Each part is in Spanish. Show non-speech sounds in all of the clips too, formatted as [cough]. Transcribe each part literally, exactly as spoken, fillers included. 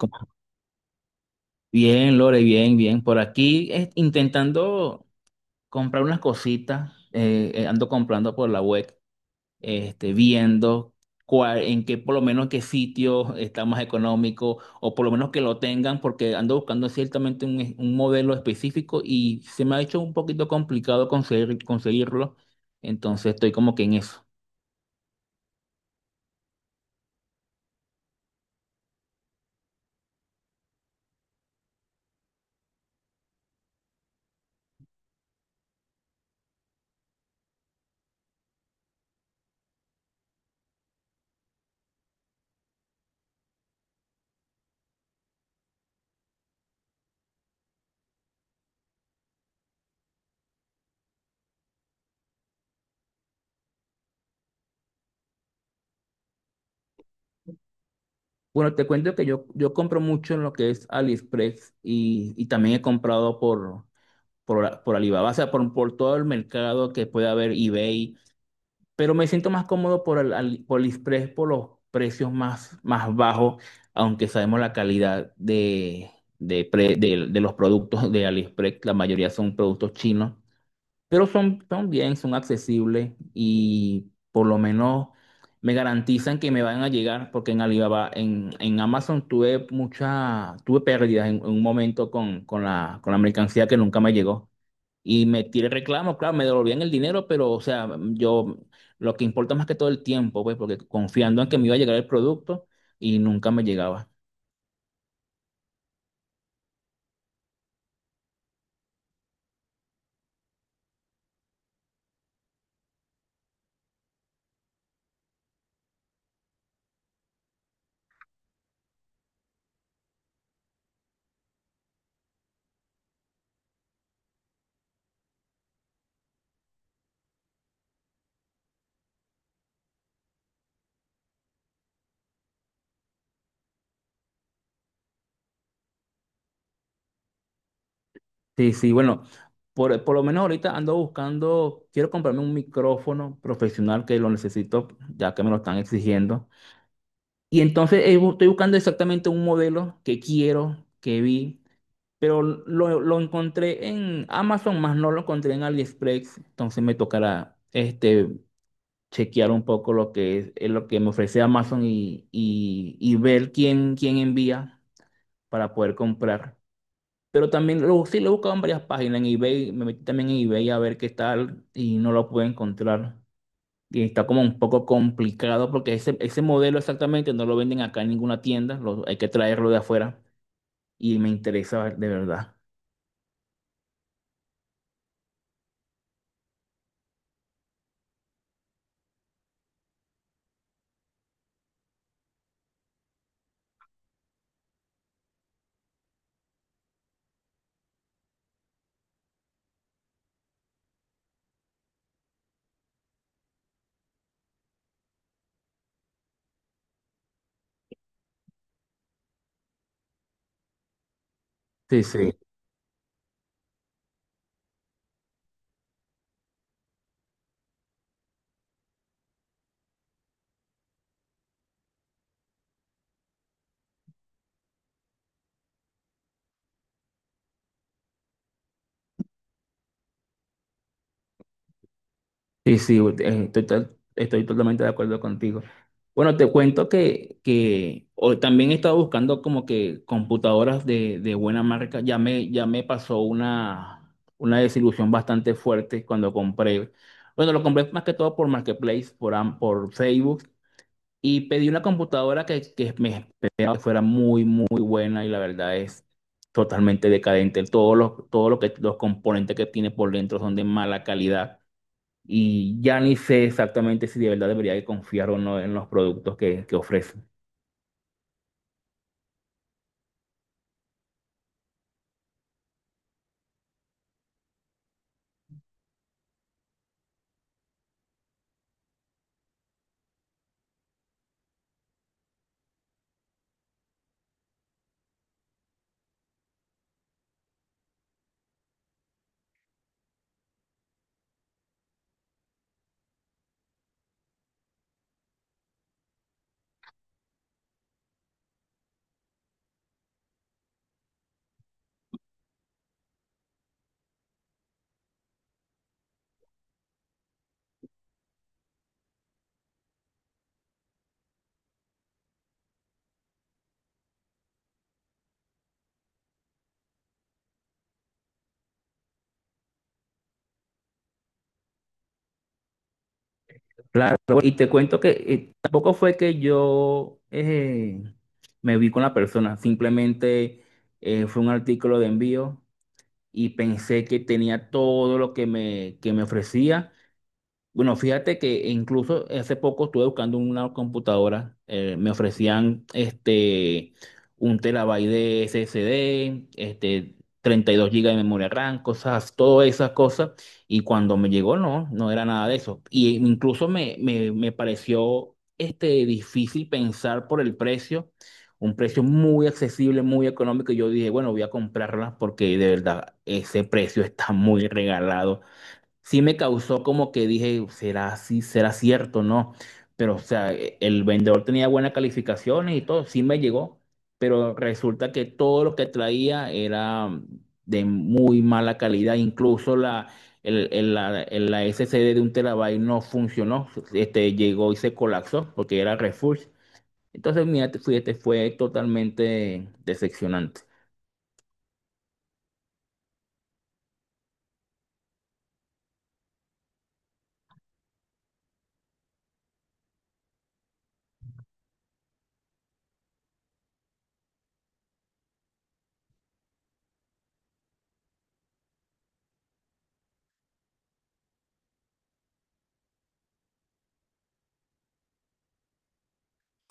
Como- Bien, Lore, bien, bien. Por aquí eh, intentando comprar unas cositas. Eh, eh, ando comprando por la web, este, viendo cuál, en qué, por lo menos qué sitio está más económico o por lo menos que lo tengan, porque ando buscando ciertamente un, es- un modelo específico y se me ha hecho un poquito complicado conseguir, conseguirlo. Entonces estoy como que en eso. Bueno, te cuento que yo, yo compro mucho en lo que es AliExpress y, y también he comprado por... por, por Alibaba, o sea, por, por todo el mercado que puede haber eBay, pero me siento más cómodo por, el, Ali- por AliExpress por los precios más, más bajos, aunque sabemos la calidad de, de, pre- de- de los productos de AliExpress, la mayoría son productos chinos, pero son, son bien, son accesibles y por lo menos me garantizan que me van a llegar, porque en Alibaba, en, en Amazon tuve mucha, tuve pérdidas en, en un momento con, con la, con la mercancía que nunca me llegó. Y metí el reclamo, claro, me devolvían el dinero, pero o sea, yo lo que importa más que todo el tiempo, pues, porque confiando en que me iba a llegar el producto y nunca me llegaba. Sí, sí, bueno, por, por lo menos ahorita ando buscando, quiero comprarme un micrófono profesional que lo necesito, ya que me lo están exigiendo. Y entonces eh, bu- estoy buscando exactamente un modelo que quiero, que vi, pero lo, lo encontré en Amazon, más no lo encontré en AliExpress, entonces me tocará este. chequear un poco lo que es, es lo que me ofrece Amazon y, y- y ver quién, quién envía para poder comprar. Pero también lo, sí lo he buscado en varias páginas, en eBay, me metí también en eBay a ver qué tal y no lo pude encontrar. Y está como un poco complicado porque ese, ese modelo exactamente no lo venden acá en ninguna tienda, lo- hay que traerlo de afuera y me interesa de verdad. Sí, sí. Sí, sí, eh, estoy, to- estoy totalmente de acuerdo contigo. Bueno, te cuento que, que hoy también he estado buscando como que computadoras de, de buena marca. Ya me, ya me pasó una, una desilusión bastante fuerte cuando compré. Bueno, lo compré más que todo por Marketplace, por, Am- por Facebook, y pedí una computadora que, que me esperaba que fuera muy, muy buena y la verdad es totalmente decadente. Todos los, todos los, que, los componentes que tiene por dentro son de mala calidad y ya ni sé exactamente si de verdad debería confiar o no en los productos que, que ofrecen. Claro, y te cuento que eh, tampoco fue que yo eh, me vi con la persona, simplemente eh, fue un artículo de envío y pensé que tenía todo lo que me, que me ofrecía. Bueno, fíjate que incluso hace poco estuve buscando una computadora, eh, me ofrecían este un terabyte de S S D, este treinta y dos gigas de memoria RAM, cosas, todas esas cosas, y cuando me llegó no, no era nada de eso. Y incluso me, me, me pareció este difícil pensar por el precio, un precio muy accesible, muy económico, y yo dije, bueno, voy a comprarla porque de verdad ese precio está muy regalado sí me causó como que dije, será así, será cierto, ¿no? Pero, o sea, e- el vendedor tenía buenas calificaciones y todo, sí me llegó, pero resulta que todo lo que traía era mm, de muy mala calidad, incluso la, el, el- la, el- la S S D de un terabyte no funcionó, este, llegó y se colapsó porque era refurbished. Entonces, mira, fíjate, fue totalmente decepcionante.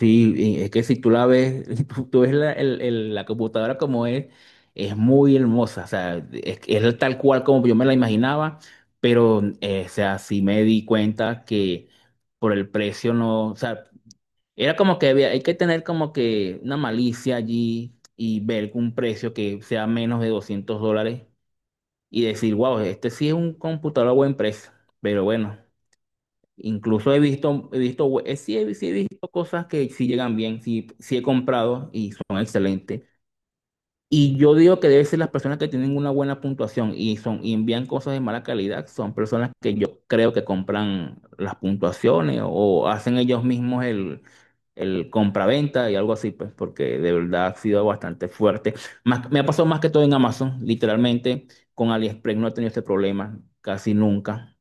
Sí, y es que si tú la ves, [laughs] tú, tú ves la, el- el- la computadora como es, es muy hermosa, o sea, es, es tal cual como yo me la imaginaba, pero, eh, o sea, sí me di cuenta que por el precio no, o sea, era como que había, hay que tener como que una malicia allí y ver un precio que sea menos de doscientos dólares y decir, wow, este sí es un computador a buen precio, pero bueno. Incluso he visto, he visto, we- eh, sí, he, sí he visto cosas que sí llegan bien, sí, sí he comprado y son excelentes. Y yo digo que debe ser las personas que tienen una buena puntuación y son y envían cosas de mala calidad, son personas que yo creo que compran las puntuaciones o hacen ellos mismos el, el compraventa y algo así, pues, porque de verdad ha sido bastante fuerte. Más, me ha pasado más que todo en Amazon, literalmente, con AliExpress no he tenido este problema casi nunca.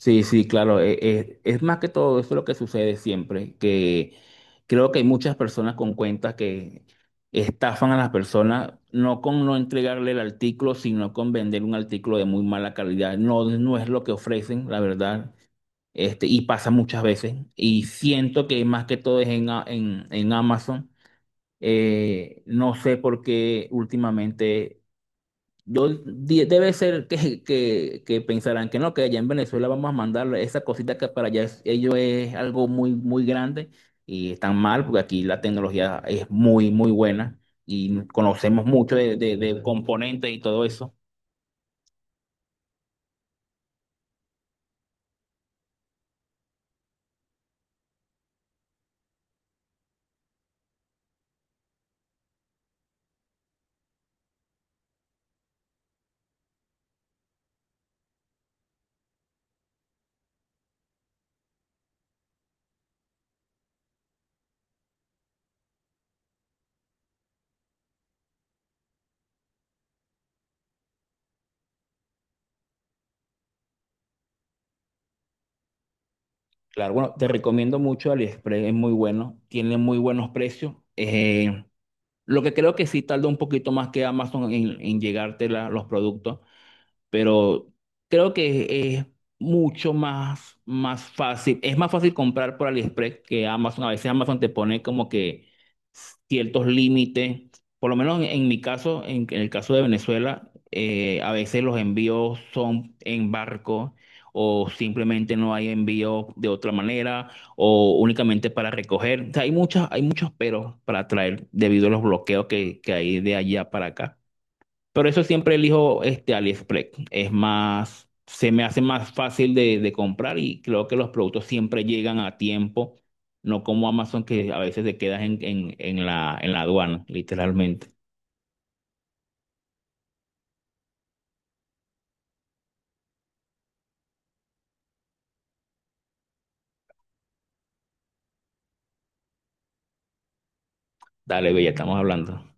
Sí, sí, claro. Eh, eh, es más que todo eso lo que sucede siempre, que creo que hay muchas personas con cuentas que estafan a las personas, no con no entregarle el artículo, sino con vender un artículo de muy mala calidad. No, no es lo que ofrecen, la verdad. Este, y pasa muchas veces. Y siento que más que todo es en, A- en, en Amazon. Eh, no sé por qué últimamente yo, di- debe ser que, que, que pensarán que no, que allá en Venezuela vamos a mandar esa cosita que para allá es- ellos es algo muy, muy grande y están mal porque aquí la tecnología es muy, muy buena y conocemos mucho de, de, de componentes y todo eso. Claro, bueno, te recomiendo mucho AliExpress, es muy bueno, tiene muy buenos precios. Eh, lo que creo que sí tarda un poquito más que Amazon en, en llegarte la- los productos pero creo que es mucho más, más fácil. Es más fácil comprar por AliExpress que Amazon. A veces Amazon te pone como que ciertos límites. Por lo menos en, en mi caso, en, en el caso de Venezuela, eh, a veces los envíos son en barco o simplemente no hay envío de otra manera o únicamente para recoger. O sea, hay muchas, hay muchos peros para traer debido a los bloqueos que, que hay de allá para acá. Pero eso siempre elijo este AliExpress. Es más, se me hace más fácil de, de comprar y creo que los productos siempre llegan a tiempo, no como Amazon que a veces te quedas en, en, en la, en la aduana, literalmente. Dale, Bella, estamos hablando.